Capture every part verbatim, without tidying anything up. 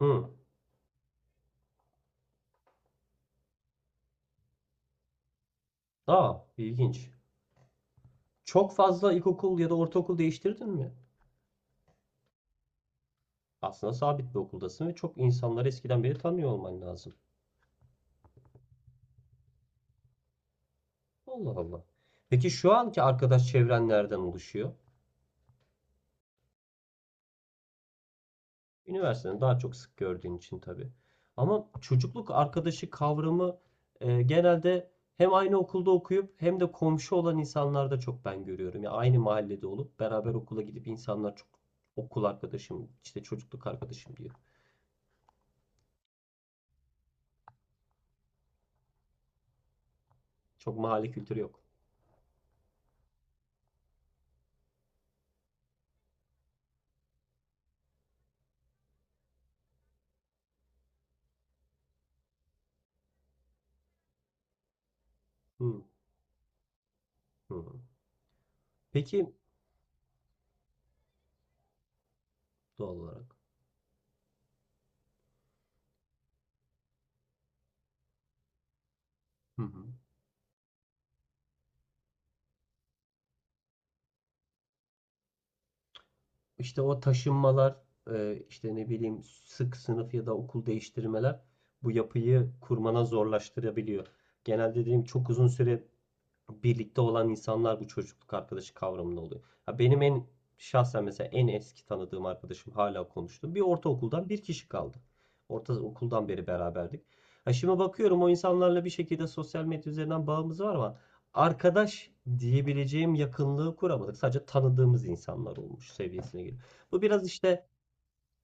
Hı. Aa, ilginç. Çok fazla ilkokul ya da ortaokul değiştirdin mi? Aslında sabit bir okuldasın ve çok insanları eskiden beri tanıyor olman lazım. Allah Allah. Peki şu anki arkadaş çevren nereden oluşuyor? Üniversiteden daha çok sık gördüğün için tabii. Ama çocukluk arkadaşı kavramı e, genelde hem aynı okulda okuyup hem de komşu olan insanlarda çok ben görüyorum. Ya aynı mahallede olup beraber okula gidip insanlar çok okul arkadaşım, işte çocukluk arkadaşım diyor. Çok mahalle kültürü yok. Hı. Hı. Peki. Doğal olarak. Hı hı. işte o taşınmalar, e, işte ne bileyim, sık sınıf ya da okul değiştirmeler bu yapıyı kurmana zorlaştırabiliyor. Genelde dediğim çok uzun süre birlikte olan insanlar bu çocukluk arkadaşı kavramında oluyor. Ya benim en şahsen mesela en eski tanıdığım arkadaşım hala konuştum. Bir ortaokuldan bir kişi kaldı. Ortaokuldan beri beraberdik. Ha şimdi bakıyorum o insanlarla bir şekilde sosyal medya üzerinden bağımız var ama arkadaş diyebileceğim yakınlığı kuramadık. Sadece tanıdığımız insanlar olmuş seviyesine geliyor. Bu biraz işte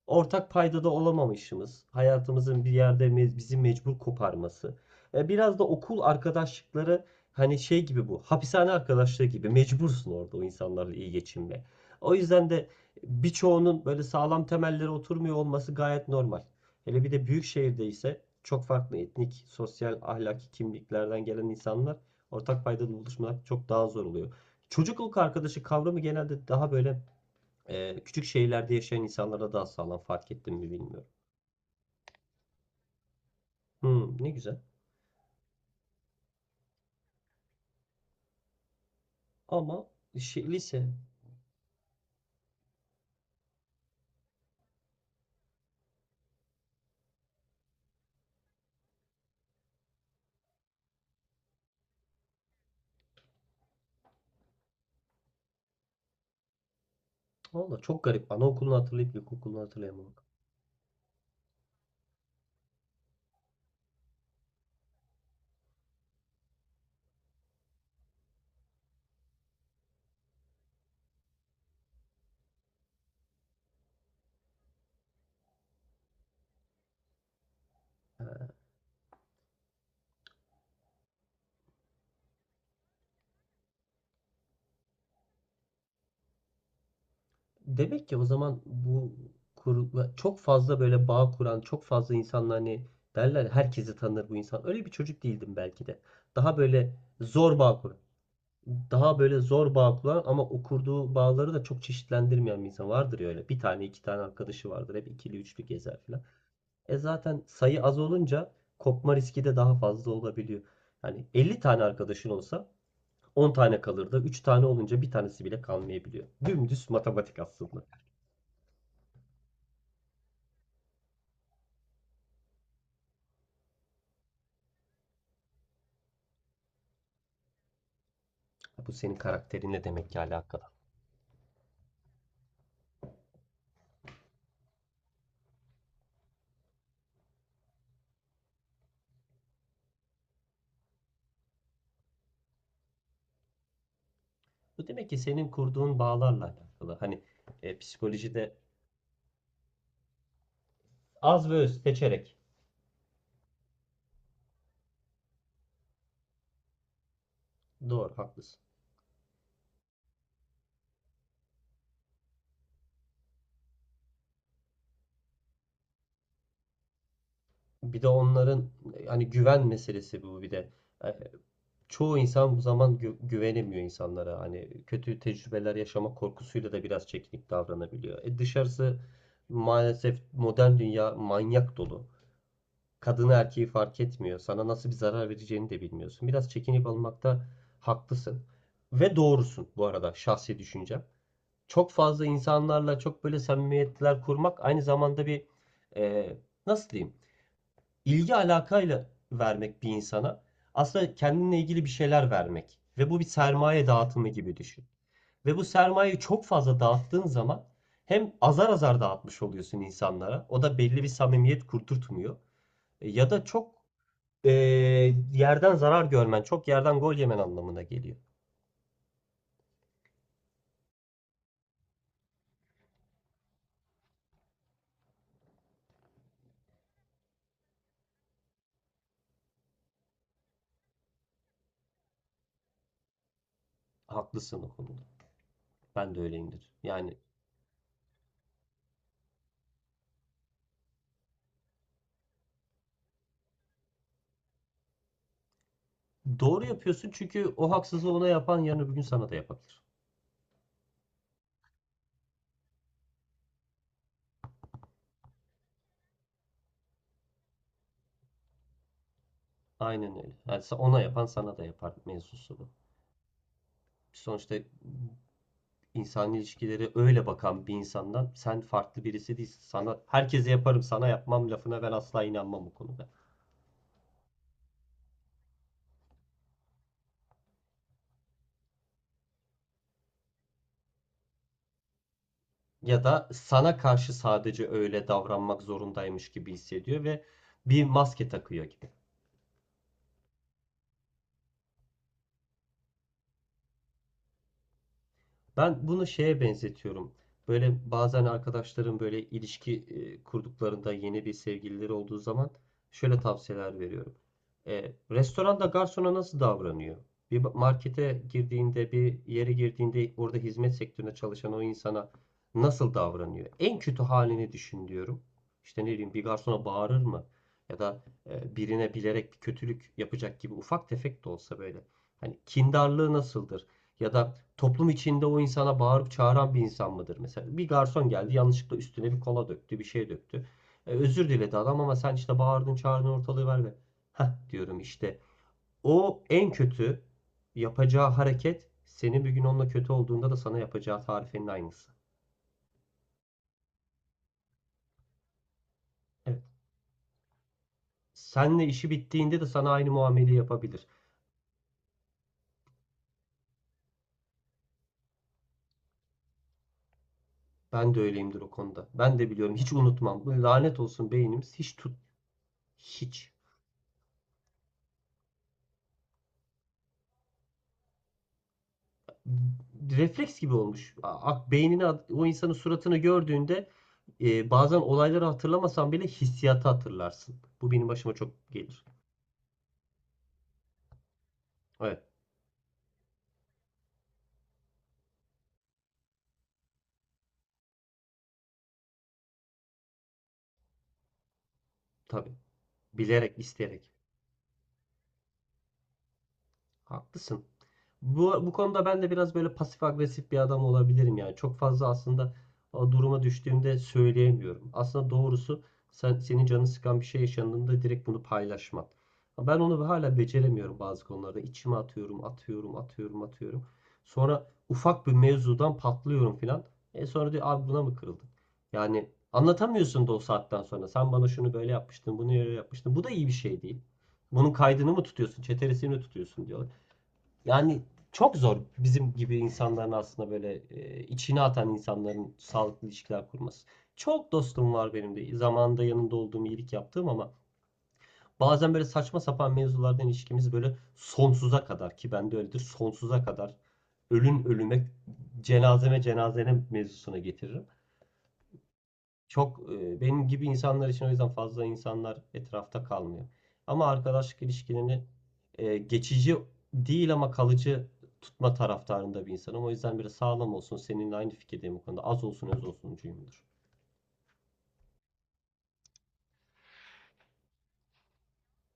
ortak paydada olamamışımız, hayatımızın bir yerde me- bizi mecbur koparması. E, biraz da okul arkadaşlıkları hani şey gibi bu, hapishane arkadaşlığı gibi mecbursun orada o insanlarla iyi geçinme. O yüzden de birçoğunun böyle sağlam temelleri oturmuyor olması gayet normal. Hele bir de büyük şehirde ise çok farklı etnik, sosyal, ahlaki kimliklerden gelen insanlar ortak paydada buluşmak çok daha zor oluyor. Çocukluk arkadaşı kavramı genelde daha böyle ee, küçük şehirlerde yaşayan insanlara daha sağlam fark ettim mi bilmiyorum. Hmm, ne güzel. Ama şey, lise. Valla çok garip. Anaokulunu hatırlayıp ilkokulunu hatırlayamamak. Demek ki o zaman bu kur- çok fazla böyle bağ kuran, çok fazla insanla hani derler ya, herkesi tanır bu insan. Öyle bir çocuk değildim belki de. Daha böyle zor bağ kuran. Daha böyle zor bağ kuran ama o kurduğu bağları da çok çeşitlendirmeyen bir insan vardır ya öyle. Bir tane iki tane arkadaşı vardır. Hep ikili üçlü gezer falan. E zaten sayı az olunca kopma riski de daha fazla olabiliyor. Yani elli tane arkadaşın olsa on tane kalır da üç tane olunca bir tanesi bile kalmayabiliyor. Dümdüz matematik aslında. Bu senin karakterinle demek ki alakalı. Bu demek ki senin kurduğun bağlarla alakalı. Hani e, psikolojide az ve öz seçerek. Doğru, haklısın. Bir de onların e, hani güven meselesi bu bir de. E, çoğu insan bu zaman gü- güvenemiyor insanlara. Hani kötü tecrübeler yaşama korkusuyla da biraz çekinip davranabiliyor. E dışarısı maalesef modern dünya manyak dolu. Kadını erkeği fark etmiyor. Sana nasıl bir zarar vereceğini de bilmiyorsun. Biraz çekinip almakta haklısın. Ve doğrusun bu arada şahsi düşüncem. Çok fazla insanlarla çok böyle samimiyetler kurmak aynı zamanda bir, e, nasıl diyeyim, ilgi alakayla vermek bir insana aslında kendinle ilgili bir şeyler vermek ve bu bir sermaye dağıtımı gibi düşün. Ve bu sermayeyi çok fazla dağıttığın zaman hem azar azar dağıtmış oluyorsun insanlara. O da belli bir samimiyet kurturtmuyor. E, Ya da çok e, yerden zarar görmen, çok yerden gol yemen anlamına geliyor. Haklısın o konuda. Ben de öyleyimdir. Yani doğru yapıyorsun çünkü o haksızlığı ona yapan yarın öbür gün sana da yapabilir. Aynen öyle. Yani sa- ona yapan sana da yapar mevzusu bu. Sonuçta insan ilişkileri öyle bakan bir insandan sen farklı birisi değilsin. Sana herkese yaparım, sana yapmam lafına ben asla inanmam bu konuda. Ya da sana karşı sadece öyle davranmak zorundaymış gibi hissediyor ve bir maske takıyor gibi. Ben bunu şeye benzetiyorum. Böyle bazen arkadaşlarım böyle ilişki e, kurduklarında yeni bir sevgilileri olduğu zaman şöyle tavsiyeler veriyorum. E, restoranda garsona nasıl davranıyor? Bir markete girdiğinde, bir yere girdiğinde orada hizmet sektöründe çalışan o insana nasıl davranıyor? En kötü halini düşün diyorum. İşte ne bileyim bir garsona bağırır mı? Ya da e, birine bilerek bir kötülük yapacak gibi ufak tefek de olsa böyle. Hani kindarlığı nasıldır? Ya da toplum içinde o insana bağırıp çağıran bir insan mıdır? Mesela bir garson geldi yanlışlıkla üstüne bir kola döktü, bir şey döktü. E, özür diledi adam ama sen işte bağırdın, çağırdın, ortalığı ver ve Heh diyorum işte. O en kötü yapacağı hareket senin bir gün onunla kötü olduğunda da sana yapacağı tarifenin aynısı. Evet. Seninle işi bittiğinde de sana aynı muameleyi yapabilir. Ben de öyleyimdir o konuda. Ben de biliyorum. Hiç unutmam. Lanet olsun beynimiz hiç tut hiç refleks gibi olmuş. A- Beynini o insanın suratını gördüğünde e, bazen olayları hatırlamasan bile hissiyatı hatırlarsın. Bu benim başıma çok gelir. Evet, tabii. Bilerek, isteyerek. Haklısın. Bu, bu konuda ben de biraz böyle pasif agresif bir adam olabilirim yani. Çok fazla aslında o duruma düştüğümde söyleyemiyorum. Aslında doğrusu sen senin canını sıkan bir şey yaşandığında direkt bunu paylaşman. Ben onu hala beceremiyorum bazı konularda. İçime atıyorum, atıyorum, atıyorum, atıyorum. Sonra ufak bir mevzudan patlıyorum filan. E sonra diyor abi buna mı kırıldın? Yani anlatamıyorsun da o saatten sonra. Sen bana şunu böyle yapmıştın, bunu böyle yapmıştın. Bu da iyi bir şey değil. Bunun kaydını mı tutuyorsun, çeteresini mi tutuyorsun diyorlar. Yani çok zor bizim gibi insanların aslında böyle e, içine atan insanların sağlıklı ilişkiler kurması. Çok dostum var benim de. Zamanında yanında olduğum iyilik yaptığım ama bazen böyle saçma sapan mevzulardan ilişkimiz böyle sonsuza kadar ki bende öyledir sonsuza kadar ölün ölüme cenazeme cenazene mevzusuna getiririm. Çok e, benim gibi insanlar için o yüzden fazla insanlar etrafta kalmıyor. Ama arkadaşlık ilişkilerini e, geçici değil ama kalıcı tutma taraftarında bir insanım. O yüzden biraz sağlam olsun. Seninle aynı fikirdeyim bu konuda. Az olsun öz olsuncuyumdur.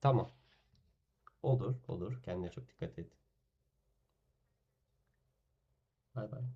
Tamam. Olur, olur. Kendine çok dikkat et. Bay bay.